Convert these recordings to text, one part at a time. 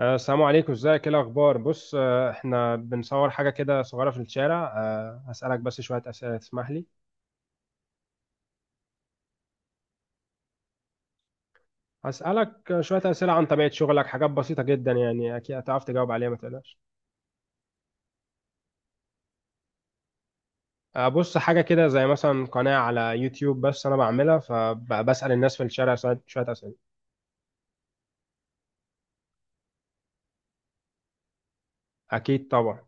السلام عليكم، ازيك، ايه الاخبار؟ بص، احنا بنصور حاجه كده صغيره في الشارع. هسالك بس شويه اسئله، تسمح لي؟ هسالك شويه اسئله عن طبيعه شغلك، حاجات بسيطه جدا يعني اكيد هتعرف تجاوب عليها، ما تقلقش. بص، حاجه كده زي مثلا قناه على يوتيوب بس انا بعملها، فبسال الناس في الشارع شوية اسئله. اكيد طبعا.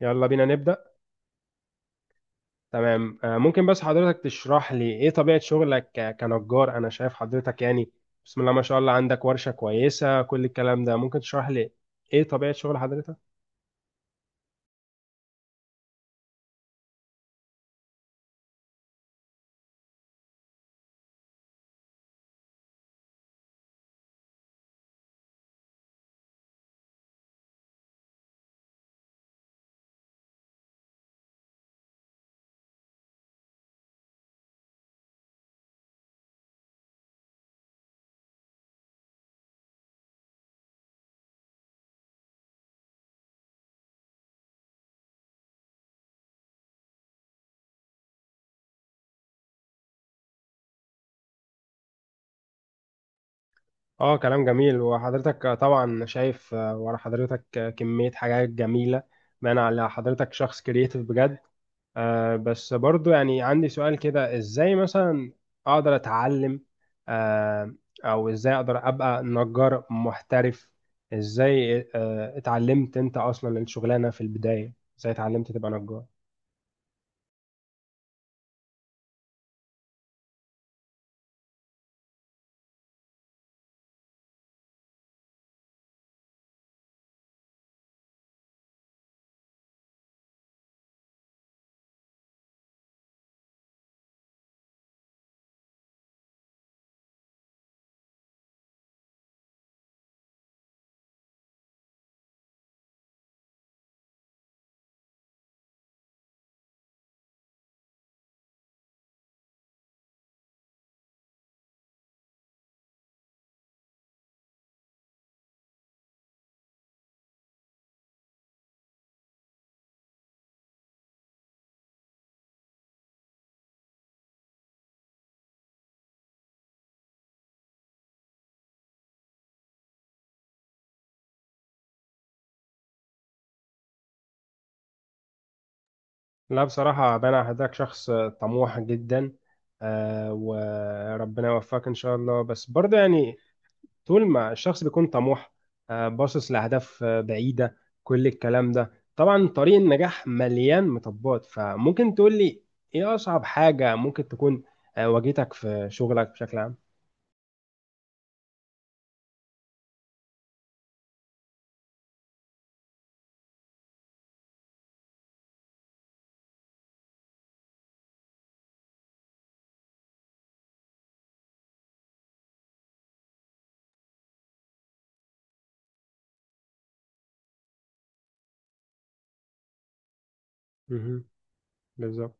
يلا بينا نبدا. تمام. ممكن بس حضرتك تشرح لي ايه طبيعة شغلك كنجار؟ انا شايف حضرتك يعني بسم الله ما شاء الله عندك ورشة كويسة، كل الكلام ده. ممكن تشرح لي ايه طبيعة شغل حضرتك؟ اه، كلام جميل. وحضرتك طبعا شايف ورا حضرتك كمية حاجات جميلة، بان على حضرتك شخص كرييتيف بجد. بس برضو يعني عندي سؤال كده، ازاي مثلا اقدر اتعلم آه او ازاي اقدر ابقى نجار محترف؟ ازاي اتعلمت انت اصلا الشغلانة في البداية؟ ازاي اتعلمت تبقى نجار؟ لا بصراحة بنا حضرتك شخص طموح جدا، وربنا يوفقك ان شاء الله. بس برضو يعني طول ما الشخص بيكون طموح، باصص لأهداف بعيدة، كل الكلام ده، طبعا طريق النجاح مليان مطبات. فممكن تقول لي ايه أصعب حاجة ممكن تكون واجهتك في شغلك بشكل عام؟ مهم. بالظبط.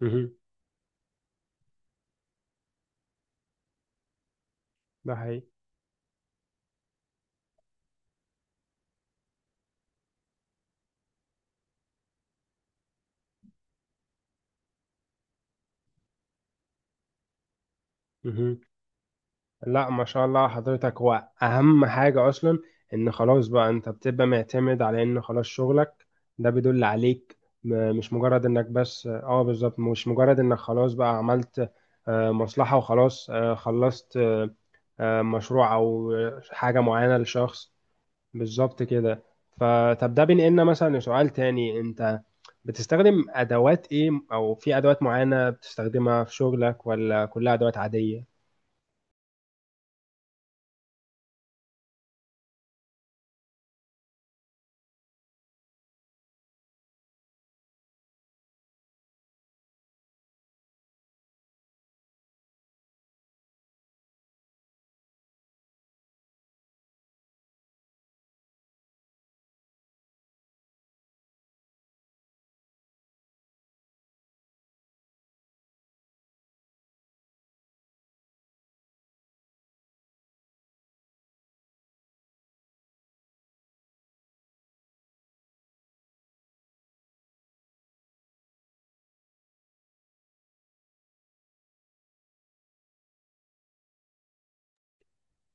مهم. ده حقيقي. مهم. لا ما شاء الله على حضرتك، هو اهم حاجة اصلا ان خلاص بقى انت بتبقى معتمد على ان خلاص شغلك ده بيدل عليك. مش مجرد انك بس، اه، بالظبط، مش مجرد انك خلاص بقى عملت مصلحة وخلاص، خلصت مشروع او حاجة معينة لشخص. بالظبط كده. فطب ده بينقلنا مثلا لسؤال تاني. انت بتستخدم ادوات ايه، او في ادوات معينة بتستخدمها في شغلك ولا كلها ادوات عادية؟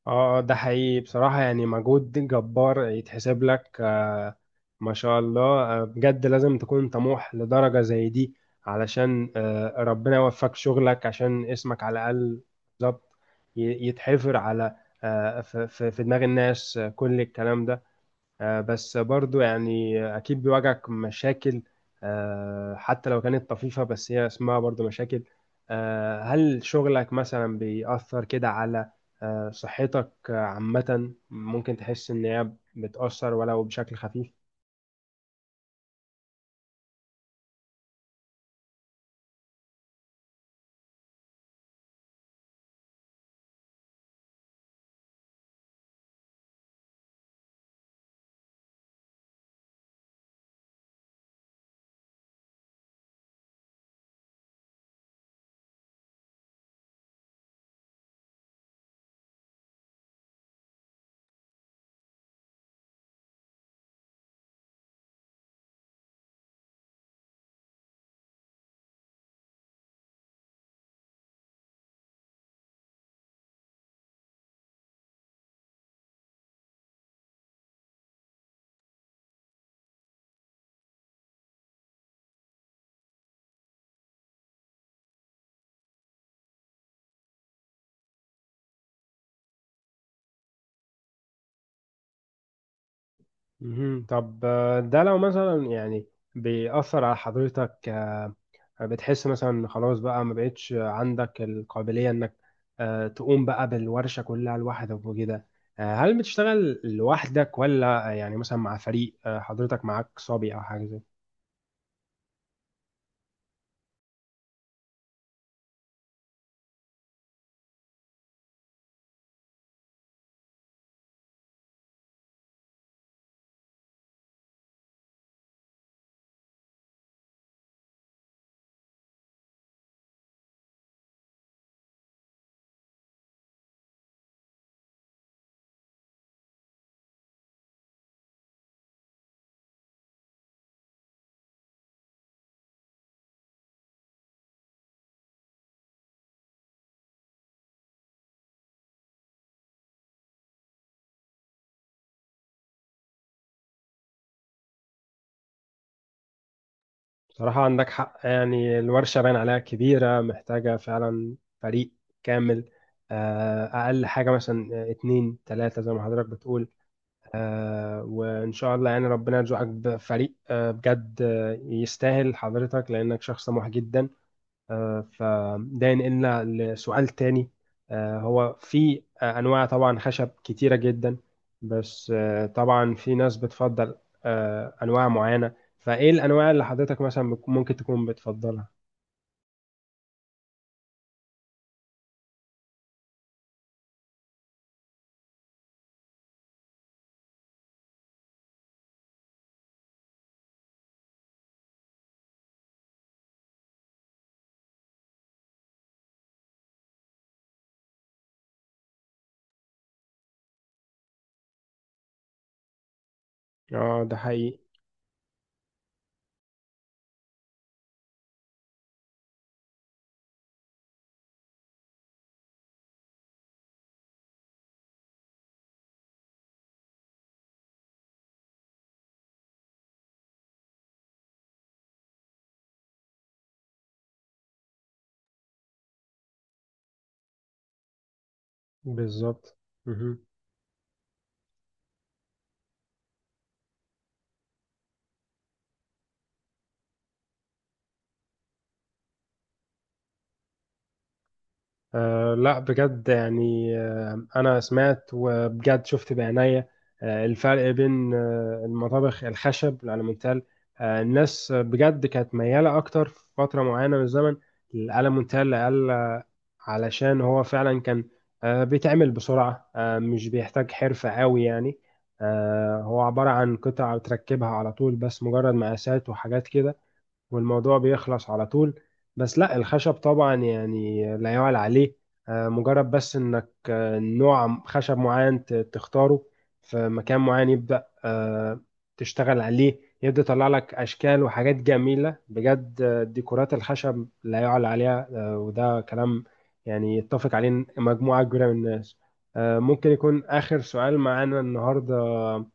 اه، ده حقيقي، بصراحة يعني مجهود جبار يتحسب لك، ما شاء الله، بجد لازم تكون طموح لدرجة زي دي علشان ربنا يوفقك شغلك عشان اسمك على الأقل. بالظبط، يتحفر على في دماغ الناس، كل الكلام ده. بس برضو يعني أكيد بيواجهك مشاكل، حتى لو كانت طفيفة بس هي اسمها برضو مشاكل. هل شغلك مثلا بيأثر كده على صحتك عامة؟ ممكن تحس إن هي بتأثر ولو بشكل خفيف؟ مهم. طب ده لو مثلا يعني بيأثر على حضرتك، بتحس مثلا إن خلاص بقى ما بقتش عندك القابلية انك تقوم بقى بالورشة كلها لوحدك وكده؟ هل بتشتغل لوحدك ولا يعني مثلا مع فريق؟ حضرتك معاك صبي او حاجة زي كده؟ بصراحة عندك حق، يعني الورشة باين عليها كبيرة، محتاجة فعلا فريق كامل، أقل حاجة مثلا اتنين تلاتة زي ما حضرتك بتقول. وإن شاء الله يعني ربنا يرزقك بفريق بجد يستاهل حضرتك، لأنك شخص طموح جدا. فده ينقلنا لسؤال تاني. هو في أنواع طبعا خشب كتيرة جدا، بس طبعا في ناس بتفضل أنواع معينة. فإيه الأنواع اللي حضرتك مثلا ممكن تكون بتفضلها؟ اه، ده حقيقي. بالظبط. مهم. أه، لا بجد، يعني أنا سمعت وبجد شفت بعناية الفرق بين المطابخ الخشب الألمنتال. الناس بجد كانت ميالة أكتر في فترة معينة من الزمن للألمنتال لأقل، علشان هو فعلا كان بيتعمل بسرعة، مش بيحتاج حرفة قوي يعني. هو عبارة عن قطع بتركبها على طول، بس مجرد مقاسات وحاجات كده، والموضوع بيخلص على طول. بس لا الخشب طبعا يعني لا يعلى عليه. مجرد بس انك نوع خشب معين تختاره في مكان معين، يبدأ تشتغل عليه، يبدأ يطلع لك اشكال وحاجات جميلة بجد. ديكورات الخشب لا يعلى عليها، وده كلام يعني يتفق عليه مجموعة كبيرة من الناس. ممكن يكون آخر سؤال معانا النهاردة؟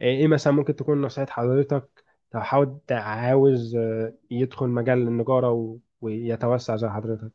إيه مثلا ممكن تكون نصيحة حضرتك لو حد عاوز يدخل مجال النجارة ويتوسع زي حضرتك؟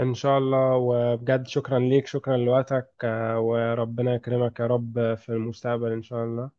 ان شاء الله. وبجد شكرا ليك، شكرا لوقتك، وربنا يكرمك يا رب في المستقبل ان شاء الله.